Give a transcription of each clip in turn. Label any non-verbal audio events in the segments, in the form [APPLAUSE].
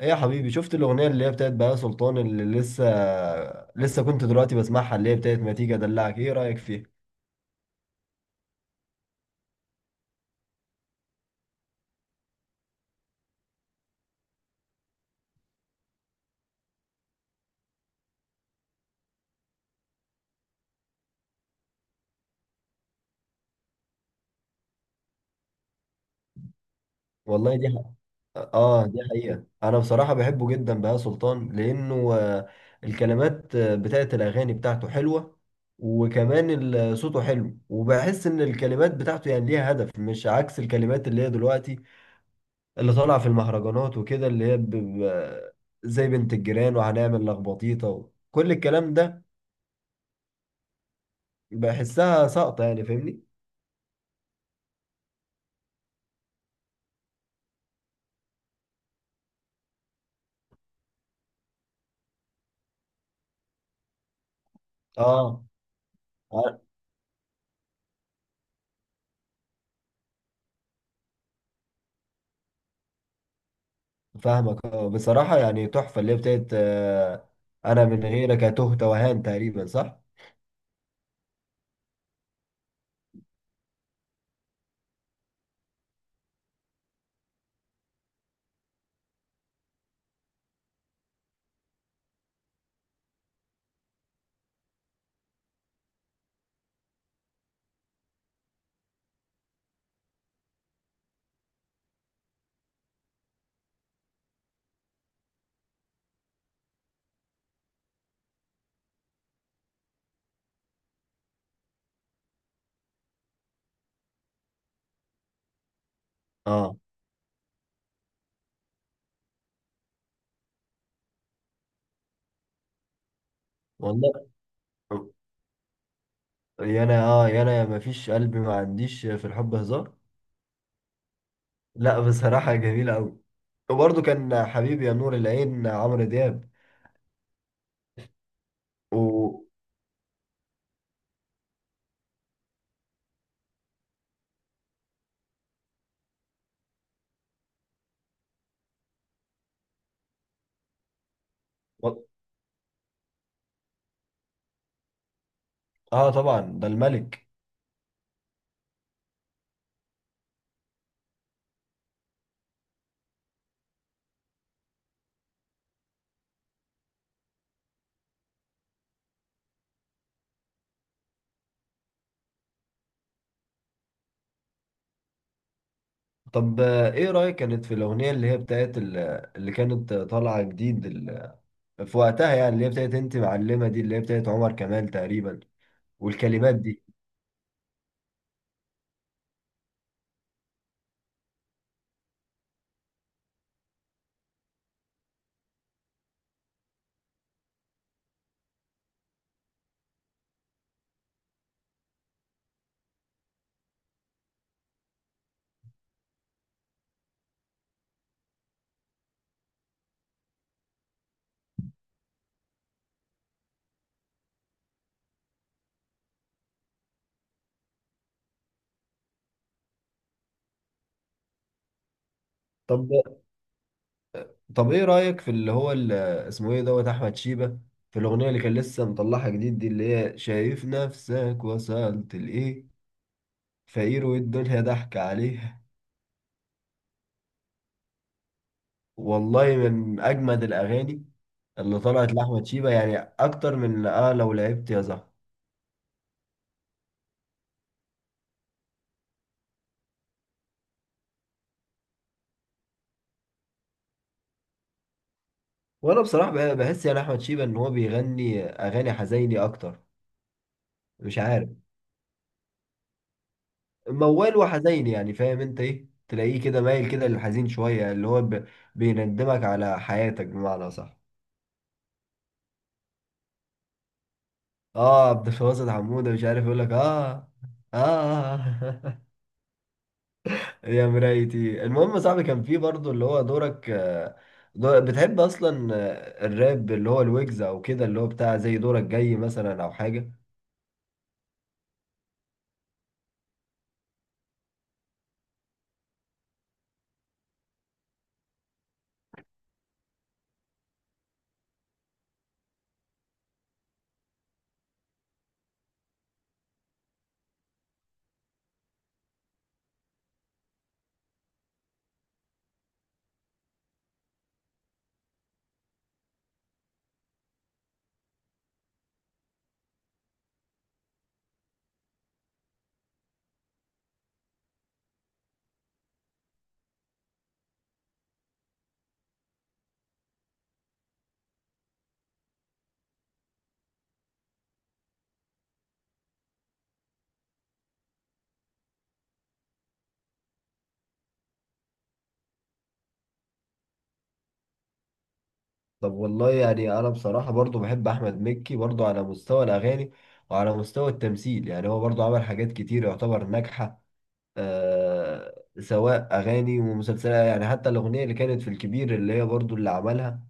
ايه يا حبيبي؟ شفت الاغنيه اللي هي بتاعت بهاء سلطان اللي لسه كنت دلوقتي بسمعها، اللي هي بتاعت ما تيجي ادلعك؟ ايه رايك فيها؟ والله دي حق. اه، دي حقيقه. انا بصراحه بحبه جدا بهاء سلطان لانه الكلمات بتاعت الاغاني بتاعته حلوه. وكمان صوته حلو، وبحس ان الكلمات بتاعته يعني ليها هدف، مش عكس الكلمات اللي هي دلوقتي، اللي طالعه في المهرجانات وكده، اللي هي زي بنت الجيران، وهنعمل لخبطيطه كل الكلام ده. بحسها ساقطة، يعني فاهمني؟ اه، آه، فاهمك. اه، بصراحة يعني تحفة اللي هي بتاعت انا من غيرك، تهت وهان، تقريبا صح؟ اه والله. يا انا ما فيش، قلبي ما عنديش في الحب هزار. لا بصراحة جميلة قوي. وبرضه كان حبيبي يا نور العين، عمرو دياب. و و- اه طبعا، ده الملك. طب ايه رأيك كانت في الأغنية اللي هي بتاعت اللي كانت طالعة جديد في وقتها، يعني اللي هي بتاعت انت معلمه، دي اللي هي بتاعت عمر كمال تقريبا، والكلمات دي؟ طب طب ايه رايك في اللي هو اسمه ايه دوت احمد شيبه، في الاغنيه اللي كان لسه مطلعها جديد دي، اللي هي شايف نفسك وصلت لايه؟ فقير والدنيا ضحك عليها. والله من اجمد الاغاني اللي طلعت لاحمد شيبه، يعني اكتر من لو لعبت يا زهر. وانا بصراحه بحس يعني احمد شيبه ان هو بيغني اغاني حزيني اكتر. مش عارف، موال وحزين، يعني فاهم انت ايه؟ تلاقيه كده مايل كده للحزين شوية، اللي هو بيندمك على حياتك بمعنى، صح؟ اه، عبد الباسط حمودة، مش عارف يقول لك. اه، اه. [LAUGHS] يا مرايتي. المهم يا صاحبي، كان في برضه اللي هو دورك، بتحب اصلا الراب اللي هو الويجز او كده، اللي هو بتاع زي دورك جاي مثلا، او حاجة؟ طب والله يعني انا بصراحة برضه بحب احمد مكي، برضه على مستوى الاغاني وعلى مستوى التمثيل. يعني هو برضه عمل حاجات كتير يعتبر ناجحة، آه، سواء اغاني ومسلسلات. يعني حتى الاغنيه اللي كانت في الكبير، اللي هي برضو اللي عملها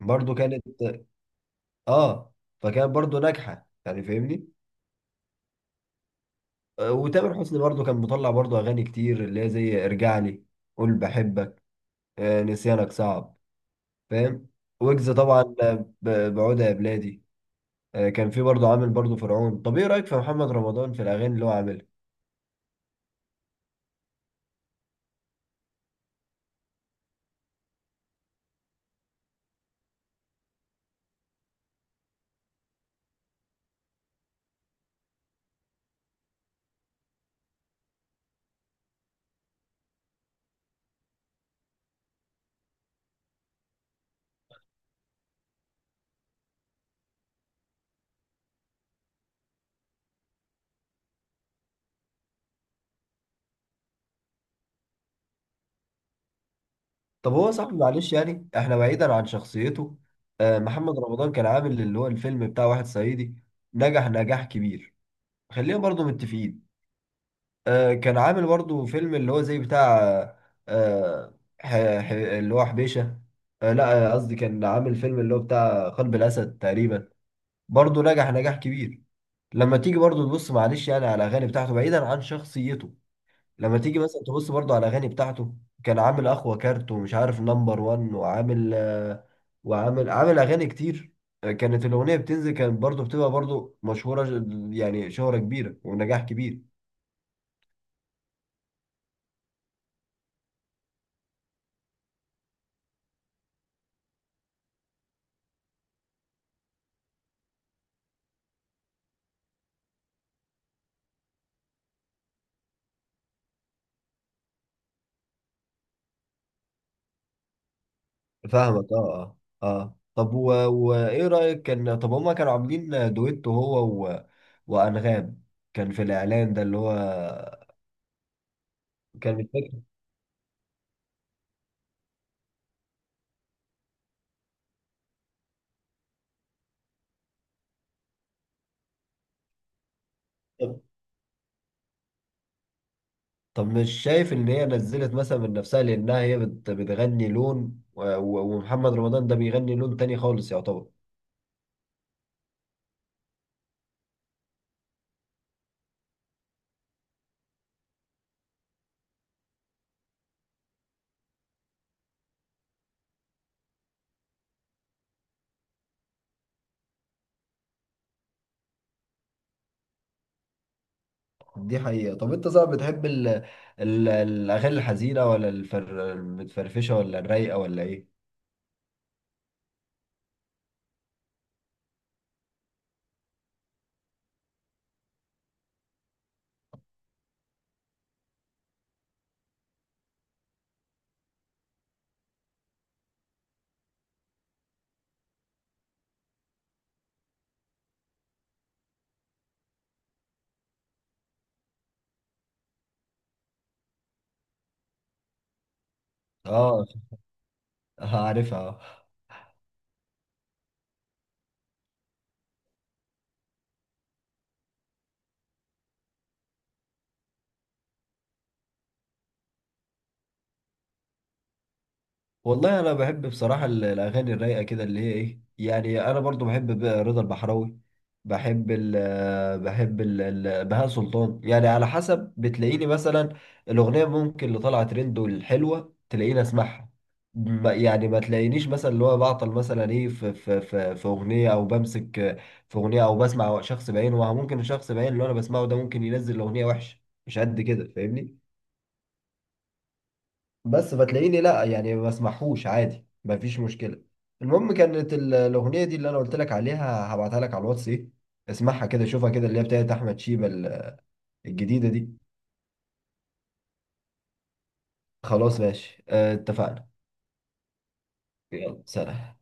برضو، كانت اه فكانت برضو ناجحه، يعني فاهمني؟ وتامر حسني برضو كان مطلع برضو اغاني كتير، اللي هي زي ارجع لي، قول بحبك، نسيانك صعب، فاهم؟ ويجز طبعا، بعودة يا بلادي. كان في برضو عامل برضو فرعون. طب ايه رايك في محمد رمضان في الاغاني اللي هو عاملها؟ طب هو صاحبي، معلش يعني، احنا بعيدا عن شخصيته. محمد رمضان كان عامل اللي هو الفيلم بتاع واحد صعيدي، نجح نجاح كبير، خلينا برضو متفقين. كان عامل برضو فيلم اللي هو زي بتاع آه، ح- اللي هو حبيشة. لا، قصدي كان عامل فيلم اللي هو بتاع قلب الأسد تقريبا، برضو نجح نجاح كبير. لما تيجي برضو تبص، معلش يعني، على الأغاني بتاعته بعيدا عن شخصيته، لما تيجي مثلا تبص برضو على الاغاني بتاعته، كان عامل اخوة كارت، ومش عارف نمبر وان، وعامل وعامل اغاني كتير. كانت الاغنية بتنزل، كانت برضو بتبقى برضو مشهورة، يعني شهرة كبيرة ونجاح كبير. فاهمك. اه، اه، اه. طب وايه رأيك كان؟ طب هما كانوا عاملين دويتو هو و... وانغام، كان في الاعلان ده اللي هو، كان مش فاكر؟ طب مش شايف ان هي نزلت مثلا من نفسها، لانها هي بتغني لون، ومحمد رمضان ده بيغني لون تاني خالص يعتبر. دي حقيقة. طب انت صعب، بتحب ال الاغاني الحزينة، ولا المتفرفشة، ولا الرايقة، ولا ايه؟ اه. [LAUGHS] عارفها. والله انا بحب بصراحه الاغاني الرايقه كده، اللي هي ايه يعني؟ انا برضو بحب رضا البحراوي، بحب بهاء سلطان. يعني على حسب، بتلاقيني مثلا الاغنيه ممكن اللي طالعه ترند والحلوه تلاقيني اسمعها. يعني ما تلاقينيش مثلا اللي هو بعطل مثلا ايه في في اغنيه، او بمسك في اغنيه، او بسمع شخص بعينه. ممكن الشخص بعينه اللي انا بسمعه ده ممكن ينزل اغنيه وحشه، مش قد كده، فاهمني؟ بس فتلاقيني لا يعني، ما بسمعهوش عادي، ما فيش مشكله. المهم، كانت الاغنيه دي اللي انا قلت لك عليها، هبعتها لك على الواتس. ايه، اسمعها كده، شوفها كده، اللي هي بتاعت احمد شيبه الجديده دي. خلاص ماشي، اتفقنا. يلا سلام.